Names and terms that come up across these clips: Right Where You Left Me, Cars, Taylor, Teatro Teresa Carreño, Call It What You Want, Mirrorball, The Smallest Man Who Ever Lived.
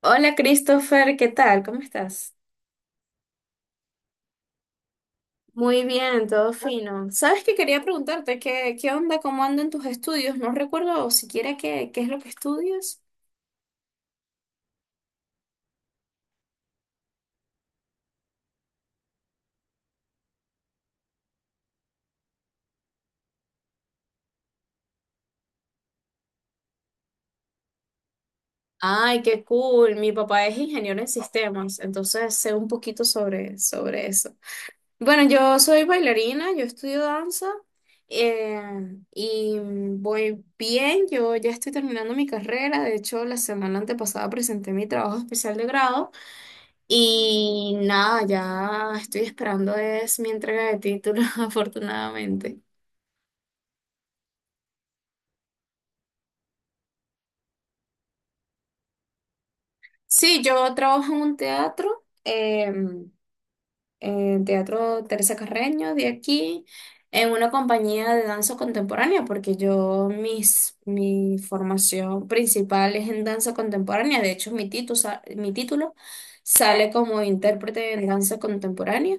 Hola Christopher, ¿qué tal? ¿Cómo estás? Muy bien, todo fino. ¿Sabes qué quería preguntarte? ¿Qué onda? ¿Cómo andan tus estudios? No recuerdo siquiera qué es lo que estudias. Ay, qué cool. Mi papá es ingeniero en sistemas, entonces sé un poquito sobre eso. Bueno, yo soy bailarina, yo estudio danza eh, y voy bien. Yo ya estoy terminando mi carrera. De hecho, la semana antepasada presenté mi trabajo especial de grado. Y nada, ya estoy esperando es mi entrega de título, afortunadamente. Sí, yo trabajo en un teatro. En Teatro Teresa Carreño de aquí, en una compañía de danza contemporánea, porque yo, mi formación principal es en danza contemporánea. De hecho, mi título sale como intérprete en danza contemporánea.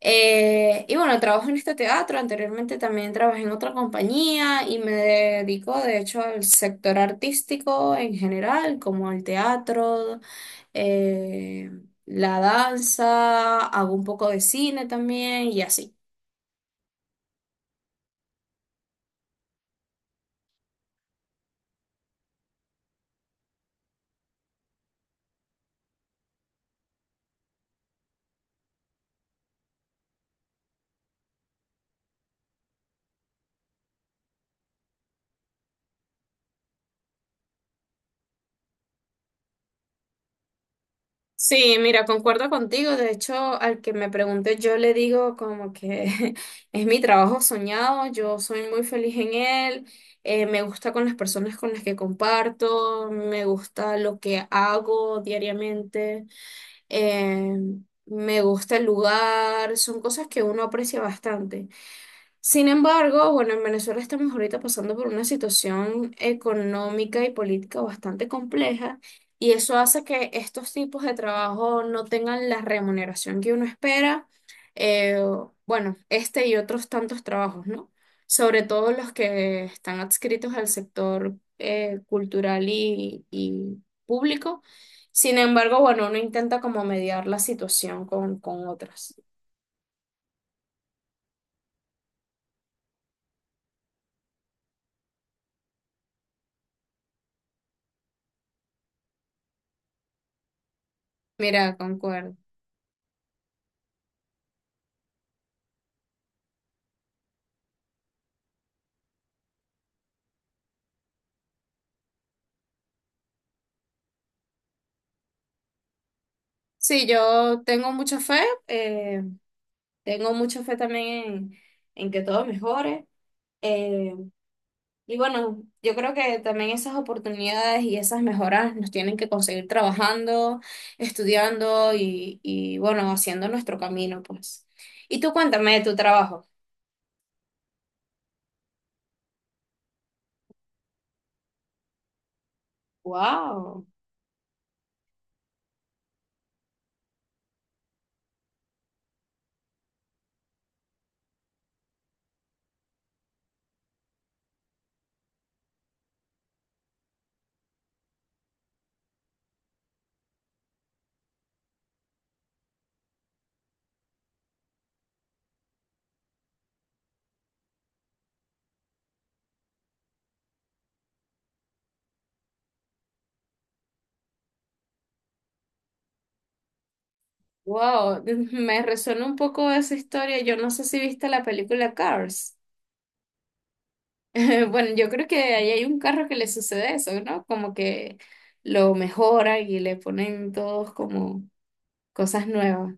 Y bueno, trabajo en este teatro. Anteriormente también trabajé en otra compañía y me dedico de hecho al sector artístico en general, como al teatro, eh, la danza, hago un poco de cine también y así. Sí, mira, concuerdo contigo. De hecho, al que me pregunte, yo le digo como que es mi trabajo soñado, yo soy muy feliz en él, me gusta con las personas con las que comparto, me gusta lo que hago diariamente, eh, me gusta el lugar, son cosas que uno aprecia bastante. Sin embargo, bueno, en Venezuela estamos ahorita pasando por una situación económica y política bastante compleja y eso hace que estos tipos de trabajo no tengan la remuneración que uno espera. eh, bueno, este y otros tantos trabajos, ¿no? Sobre todo los que están adscritos al sector cultural y público. Sin embargo, bueno, uno intenta como mediar la situación con otras. Mira, concuerdo. Sí, yo tengo mucha fe, eh, tengo mucha fe también en, en que todo mejore. eh, y bueno, yo creo que también esas oportunidades y esas mejoras nos tienen que conseguir trabajando, estudiando y bueno, haciendo nuestro camino, pues. Y tú cuéntame de tu trabajo. Wow, wow, me resuena un poco esa historia. Yo no sé si viste la película Cars. Bueno, yo creo que ahí hay un carro que le sucede eso, ¿no? Como que lo mejoran y le ponen todos como cosas nuevas.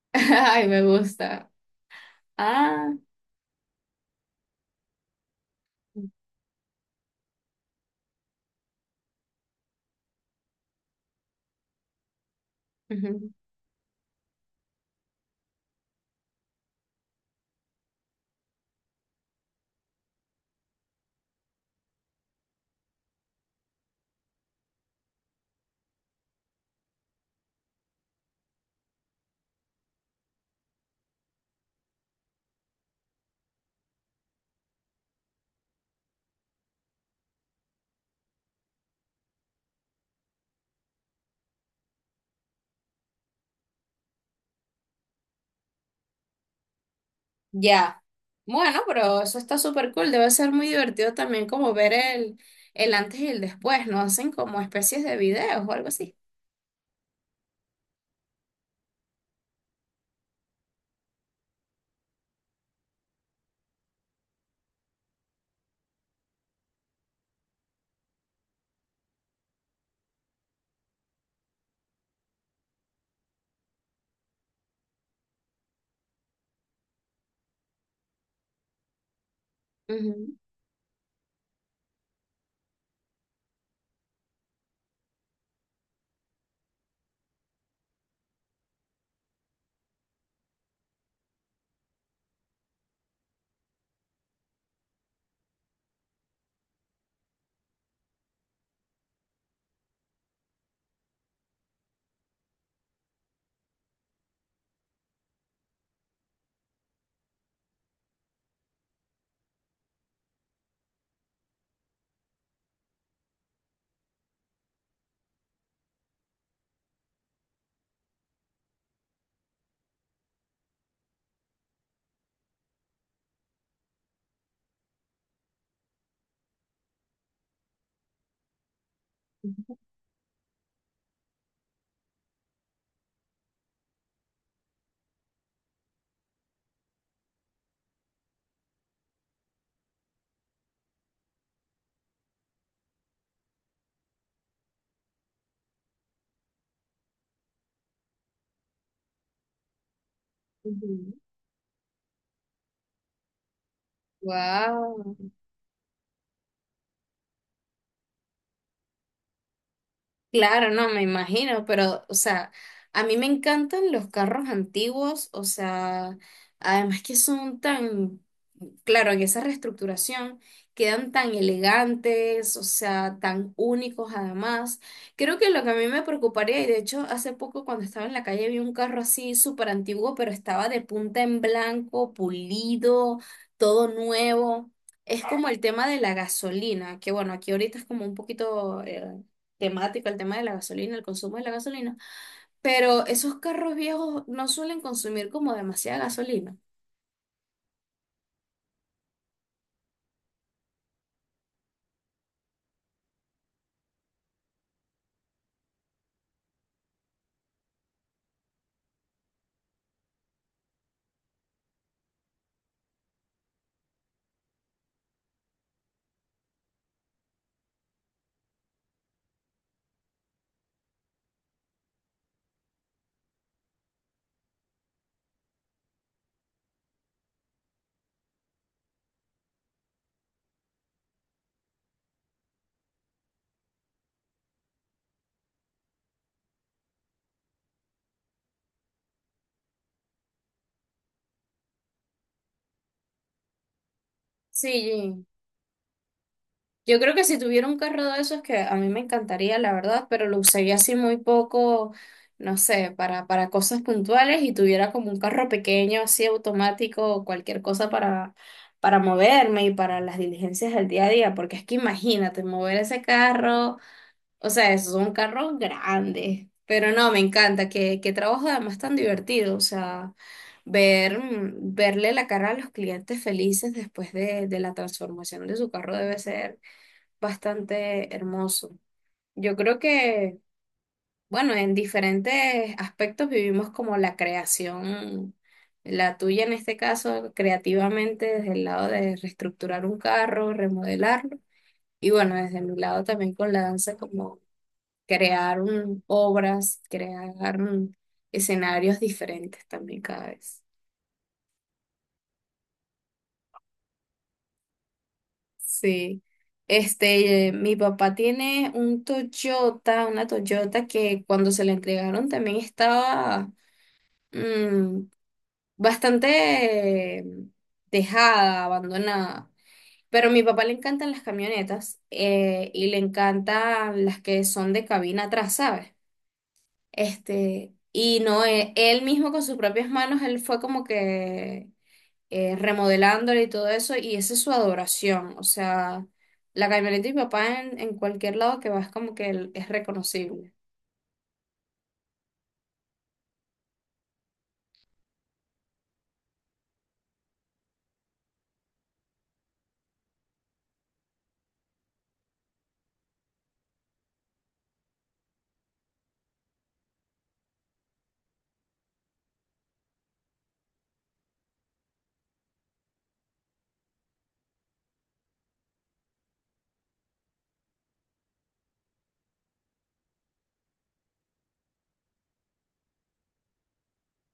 Ay, me gusta. Ah, ujú. Ya. Bueno, pero eso está súper cool. Debe ser muy divertido también como ver el antes y el después, ¿no? Hacen como especies de videos o algo así. Wow. Claro, no, me imagino, pero, o sea, a mí me encantan los carros antiguos, o sea, además que son tan, claro, en esa reestructuración quedan tan elegantes, o sea, tan únicos además. Creo que lo que a mí me preocuparía, y de hecho hace poco cuando estaba en la calle vi un carro así súper antiguo, pero estaba de punta en blanco, pulido, todo nuevo. Es como el tema de la gasolina, que bueno, aquí ahorita es como un poquito, temática, el tema de la gasolina, el consumo de la gasolina, pero esos carros viejos no suelen consumir como demasiada gasolina. Sí, yo creo que si tuviera un carro de esos que a mí me encantaría, la verdad, pero lo usaría así muy poco, no sé, para cosas puntuales y tuviera como un carro pequeño, así automático, o cualquier cosa para moverme y para las diligencias del día a día, porque es que imagínate, mover ese carro. O sea, es un carro grande, pero no, me encanta, que trabajo además tan divertido, o sea, ver, verle la cara a los clientes felices después de la transformación de su carro debe ser bastante hermoso. Yo creo que, bueno, en diferentes aspectos vivimos como la creación, la tuya en este caso, creativamente desde el lado de reestructurar un carro, remodelarlo. Y bueno, desde mi lado también con la danza, como crear obras, crear escenarios diferentes también cada vez. Sí. Este, mi papá tiene un Toyota, una Toyota que cuando se la entregaron también estaba mm, bastante dejada, abandonada. Pero a mi papá le encantan las camionetas, y le encantan las que son de cabina atrás, ¿sabes? Este, y no, él, mismo con sus propias manos, él fue como que remodelándole y todo eso, y esa es su adoración. O sea, la camioneta de mi papá en cualquier lado que vas como que él es reconocible.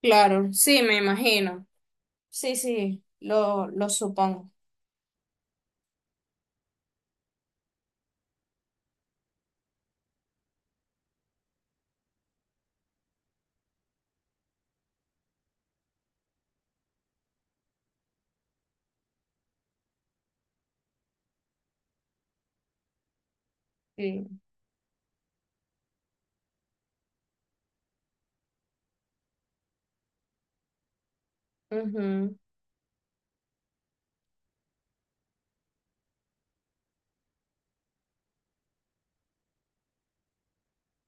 Claro, sí, me imagino. Sí, sí, lo supongo. Sí. Ujú,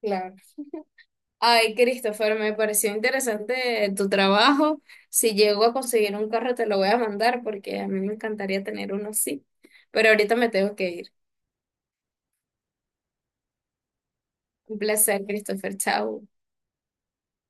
claro. Ay, Christopher, me pareció interesante tu trabajo. Si llego a conseguir un carro, te lo voy a mandar porque a mí me encantaría tener uno así. Pero ahorita me tengo que ir. Un placer, Christopher. Chao.